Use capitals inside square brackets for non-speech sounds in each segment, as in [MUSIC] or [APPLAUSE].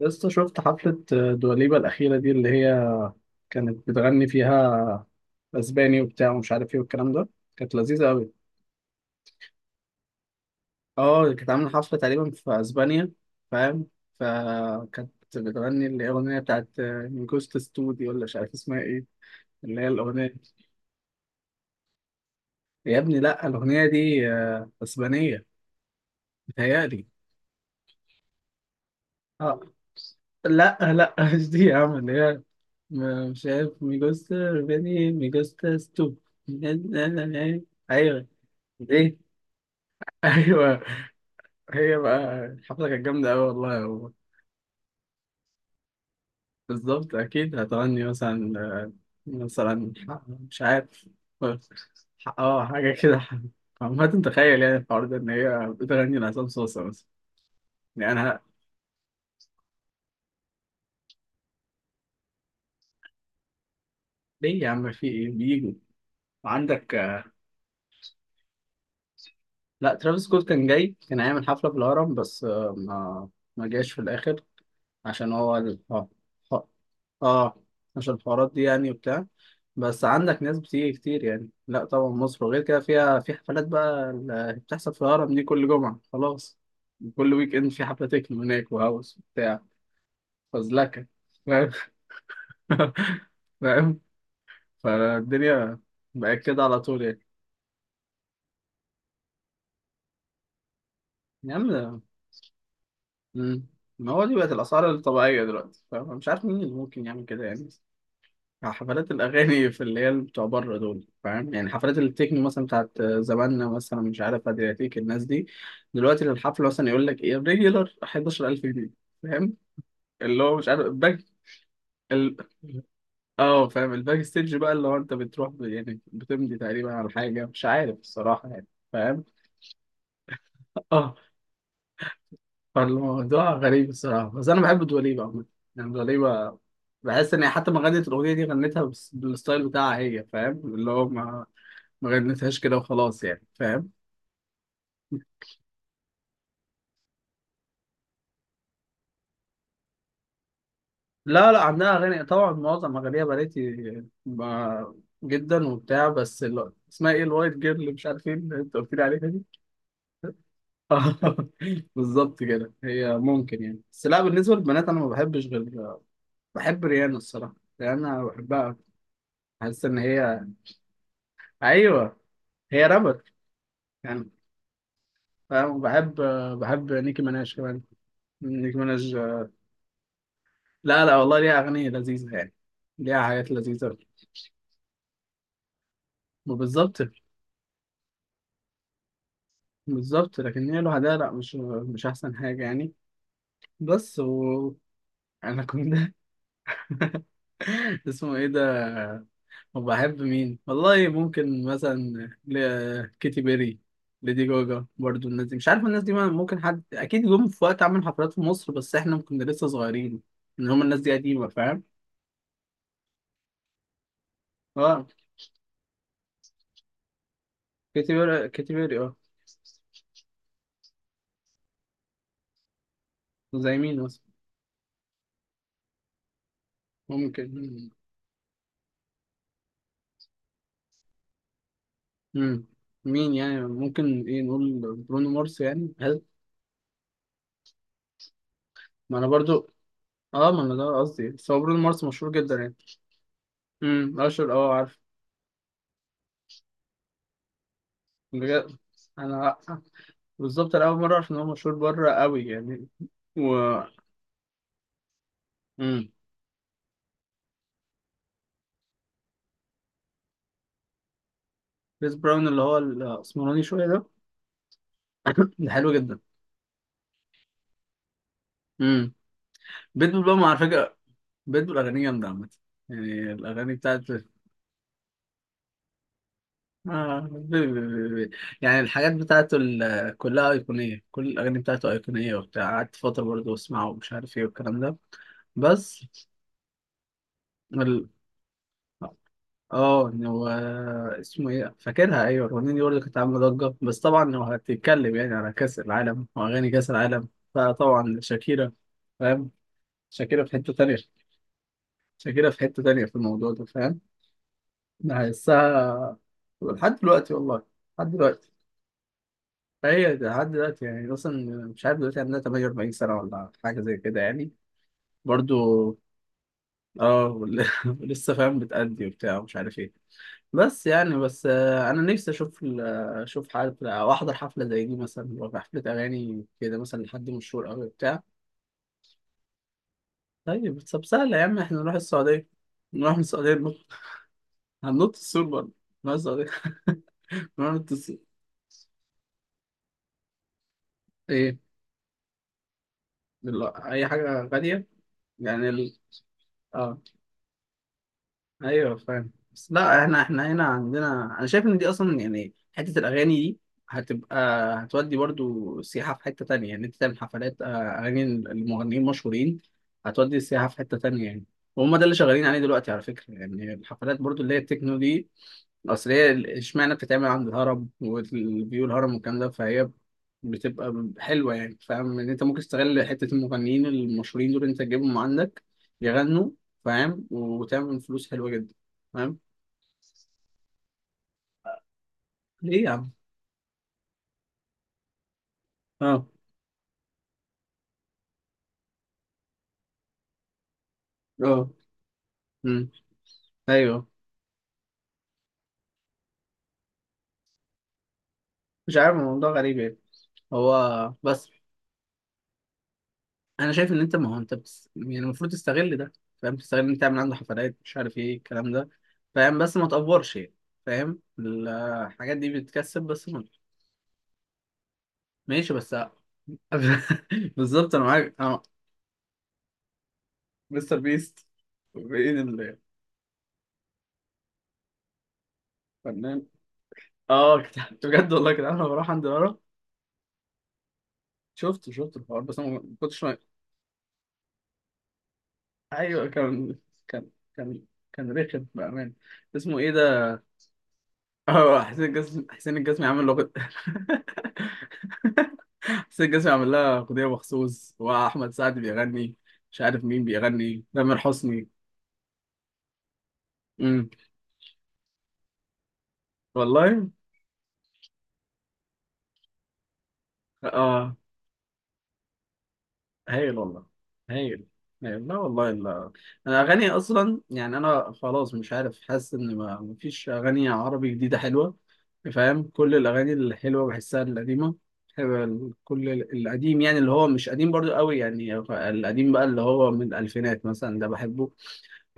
لسه شفت حفلة دواليبا الأخيرة دي، اللي هي كانت بتغني فيها أسباني وبتاع ومش عارف إيه والكلام ده. كانت لذيذة أوي. أه، كانت عاملة حفلة تقريبا في أسبانيا. فاهم؟ فكانت بتغني الأغنية بتاعت من جوست ستودي دي، ولا مش عارف اسمها إيه، اللي هي الأغنية دي. يا ابني لأ، الأغنية دي أسبانية. متهيألي. أه. لأ لأ [LAUGHS] مش دي يا عم اللي هي مش عارف مي جوست بني مي جوست ستو [LAUGHS] ايوه. دي. ايوه. هي بقى الحفله كانت جامده قوي والله، هو بالظبط. اكيد هتغني مثلا مثلا مش عارف. اه، حاجه كده. عمال تتخيل يعني الحوار ده ان هي بتغني لعصام صوصه مثلا. يعني انا، ليه يا عم؟ في ايه؟ بيجوا عندك. لا، ترافيس سكوت كان جاي، كان هيعمل حفله في الهرم بس ما جاش في الاخر، عشان هو ال... اه اه. آه، عشان الحوارات دي يعني وبتاع، بس عندك ناس بتيجي كتير يعني. لا طبعا مصر وغير كده فيها، في حفلات بقى اللي بتحصل في الهرم دي كل جمعة خلاص. كل ويك اند في حفلة تكنو هناك وهاوس وبتاع. فزلكة. فاهم؟ [LAUGHS] فاهم. فالدنيا بقت كده على طول يعني. يا عم. مم. ما هو دي بقت الأسعار الطبيعية دلوقتي. فاهم؟ أنا مش عارف مين اللي ممكن يعمل كده يعني. حفلات الأغاني في اللي هي بتوع بره دول. فاهم يعني؟ حفلات التكنو مثلا بتاعت زماننا، مثلا مش عارف أدرياتيك الناس دي، دلوقتي للحفلة مثلا يقول لك إيه ريجولار 11,000 جنيه. فاهم؟ اللي هو مش عارف الباك. ال... اه فاهم؟ الباك ستيج بقى اللي هو أنت بتروح يعني بتمضي تقريبا على حاجة مش عارف الصراحة يعني. فاهم؟ [LAUGHS] اه. فالموضوع غريب الصراحة، بس أنا بحب دواليبة عموما. يعني دواليبة بحس ان هي حتى ما غنت الاغنيه دي غنتها بالستايل بتاعها هي. فاهم؟ اللي هو ما غنتهاش كده وخلاص يعني. فاهم؟ لا لا، عندها اغاني طبعا، معظم اغانيها بناتي ب- جدا وبتاع، بس اسمها ايه، الوايت جيرل اللي مش عارف ايه اللي انت قلت لي عليها دي. [LAUGHS] آه، بالظبط كده. هي ممكن يعني، بس لا بالنسبه للبنات انا ما بحبش غير، بحب ريانا الصراحه. ريانا بحبها. حاسس ان هي، ايوه، هي رابر يعني. فاهم؟ بحب، بحب نيكي مناش كمان. نيكي مناش. لا لا والله، ليها اغاني لذيذه يعني. ليها حاجات لذيذه. وبالظبط. بالظبط، لكن هي لوحدها لا، مش مش احسن حاجه يعني. بس انا كنت. [LAUGHS] اسمه ايه ده؟ وبحب مين والله، ممكن مثلا ل... كيتي بيري، ليدي جوجا برضو. الناس دي مش عارف، الناس دي ممكن حد اكيد جم في وقت عمل حفلات في مصر، بس احنا كنا لسه صغيرين، ان هم الناس دي قديمه. فاهم؟ اه، كيتي بيري، كيتي بيري اه. زي مين مثلا؟ ممكن. مم. مين يعني ممكن؟ ايه، نقول برونو مارس، يعني هل؟ ما انا برضو. اه، ما انا ده قصدي، بس هو برونو مارس مشهور جدا يعني. اشهر، اه، عارف. بجد؟ انا بالظبط، انا اول مره اعرف ان هو مشهور بره قوي يعني. و. امم كريس براون اللي هو الاسمراني شويه ده. [COUGHS] [LAUGHS] ده حلو جدا. امم بيتبول بقى على فكره. بيتبول اغانيه جامده عامه. يعني الاغاني بتاعته آه. بي- بي- بي- بي. يعني الحاجات بتاعته كلها ايقونيه. كل الاغاني بتاعته ايقونيه وبتاع. قعدت فتره برضه اسمعه ومش عارف ايه والكلام ده. بس ال... اه إن هو، اسمه ايه، فاكرها. ايوه، الاغنيه دي برضه كانت عامله ضجه، بس طبعا لو هتتكلم يعني على كاس العالم واغاني كاس العالم، فطبعا شاكيرا. فاهم؟ شاكيرا في حته تانية. شاكيرا في حته تانية في الموضوع ده. فاهم؟ انا هحسها لحد دلوقتي والله، لحد دلوقتي. فهي لحد دلوقتي يعني اصلا، مش عارف دلوقتي عندها 48 سنه ولا حاجه زي كده يعني برضه. اه. [LAUGHS] لسه فاهم بتأدي وبتاع ومش عارف ايه، بس يعني بس انا نفسي اشوف اشوف حفله او احضر حفله زي دي مثلا، لو في حفله اغاني كده مثلا لحد مشهور قوي بتاع. طيب، طب سهله يا عم، احنا نروح السعوديه، نروح من السعوديه ننط. هننط السور برضه؟ نروح السعوديه [LAUGHS] نروح ننط السور. ايه؟ لا، اي حاجه غاليه. يعني ال... اه ايوه فاهم. بس لا، احنا احنا هنا عندنا، انا شايف ان دي اصلا يعني حته الاغاني دي هتبقى، هتودي برضو سياحه في حته تانية. يعني انت تعمل حفلات اغاني المغنيين المشهورين، هتودي السياحه في حته تانية يعني. وهم ده اللي شغالين عليه دلوقتي على فكره، يعني الحفلات برضو اللي هي التكنو دي اصل هي اشمعنى بتتعمل عند الهرم والفيو الهرم والكلام ده، فهي بتبقى حلوه يعني. فاهم ان انت ممكن تستغل حته المغنيين المشهورين دول، انت تجيبهم عندك يغنوا. فاهم؟ وتعمل فلوس حلوه جدا. فاهم؟ ليه يا عم؟ اه. اه. امم ايوه. مش عارف، الموضوع غريب يعني. هو بس، انا شايف ان انت، ما هو انت بس يعني المفروض تستغل ده. فاهم؟ تستغل ان انت تعمل عنده حفلات مش عارف ايه الكلام ده. فاهم؟ بس ما تقفرش يعني. فاهم؟ الحاجات دي بتكسب بس ما... ماشي بس. [LAUGHS] بالظبط انا معاك اه. مستر بيست. مين؟ الفنان. اه، كنت بجد والله كده انا بروح عند لارا. شفت الحوار بس انا ما كنتش. ايوه كان، كان كان كان رخم بامان. اسمه ايه ده؟ [LAUGHS] اه، حسين الجسمي، حسين الجسمي عامل له. [LAUGHS] حسين الجسمي عامل لها اغنيه مخصوص، واحمد سعد بيغني، مش عارف مين بيغني، تامر حسني. امم والله. اه. هايل والله. هايل. هايل. لا والله، لا. انا اغاني اصلا يعني انا خلاص مش عارف، حاسس ان ما مفيش اغاني عربي جديده حلوه. فاهم؟ كل الاغاني الحلوه بحسها القديمه. حلوة كل القديم يعني، اللي هو مش قديم برضو قوي يعني، القديم بقى اللي هو من الالفينات مثلا ده بحبه.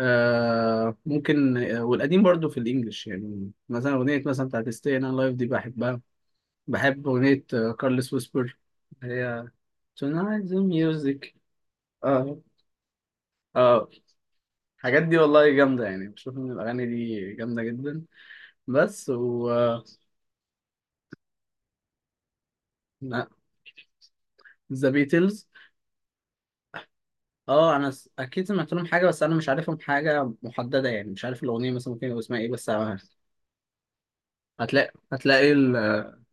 آه ممكن والقديم برضو في الانجليش يعني مثلا اغنيه مثلا بتاعت ستي انا لايف دي بحبها. بحب اغنيه كارلس ويسبر، هي Tonight's the music. اه. اه. الحاجات دي والله جامدة يعني. بشوف ان الاغاني دي جامدة جدا. بس و، ذا بيتلز، اه انا اكيد سمعت لهم حاجة بس انا مش عارفهم حاجة محددة يعني، مش عارف الاغنية مثلا ممكن يبقى اسمها ايه بس. هتلاقي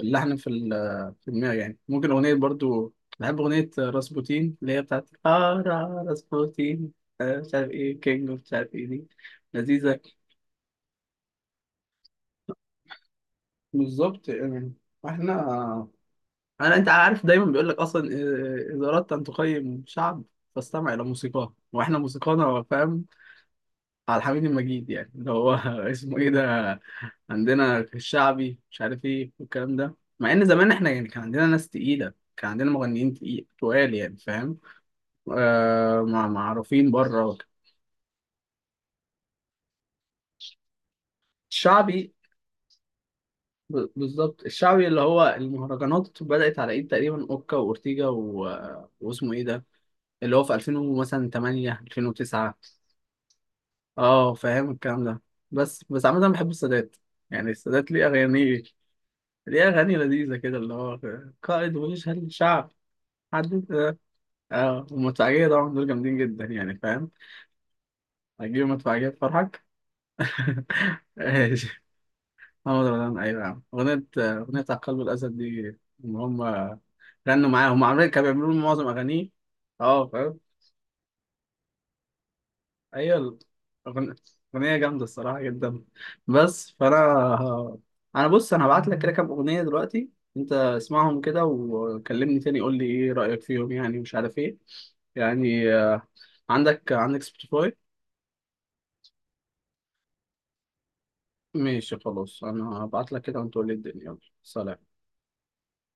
اللحن في في دماغي يعني. ممكن اغنية برضو بحب، اغنية راسبوتين اللي هي بتاعت، اه راسبوتين. مش عارف ايه كينج مش عارف ايه دي. لذيذة. بالظبط يعني. احنا، انا، انت عارف دايما بيقول لك اصلا اذا اردت ان تقيم شعب فاستمع الى موسيقاه، واحنا موسيقانا، فاهم، على الحميد المجيد يعني اللي هو [LAUGHS] اسمه ايه ده؟ عندنا الشعبي مش عارف ايه والكلام ده. مع ان زمان احنا يعني كان عندنا ناس تقيله، كان عندنا مغنيين تقيل تقال يعني. فاهم؟ آه، معروفين بره. الشعبي، بالظبط الشعبي اللي هو المهرجانات بدأت على ايد تقريبا اوكا واورتيجا واسمه ايه ده، اللي هو في 2000 مثلا 8 2009. اه، فاهم الكلام ده. بس عامة بحب السادات. يعني السادات ليه أغاني، ليه أغاني لذيذة كده اللي هو قائد ويشهد للشعب حد. اه، والمدفعية طبعا دول جامدين جدا يعني. فاهم؟ هتجيب مدفعية تفرحك. [LAUGHS] ماشي. محمد رمضان، أيوة يا عم، أغنية، أغنية على قلب الأسد دي، إن هم غنوا معاه، هم عاملين كانوا بيعملوا معظم أغانيه. اه. ايوه. الأغن- اغنيه جامده الصراحه جدا. بس فانا، انا بص انا هبعت لك كده كام اغنيه دلوقتي، انت اسمعهم كده وكلمني تاني، قول لي ايه رايك فيهم يعني مش عارف ايه، يعني عندك سبوتيفاي؟ ماشي، خلاص، انا هبعت لك كده وانت قول لي الدنيا. يلا سلام.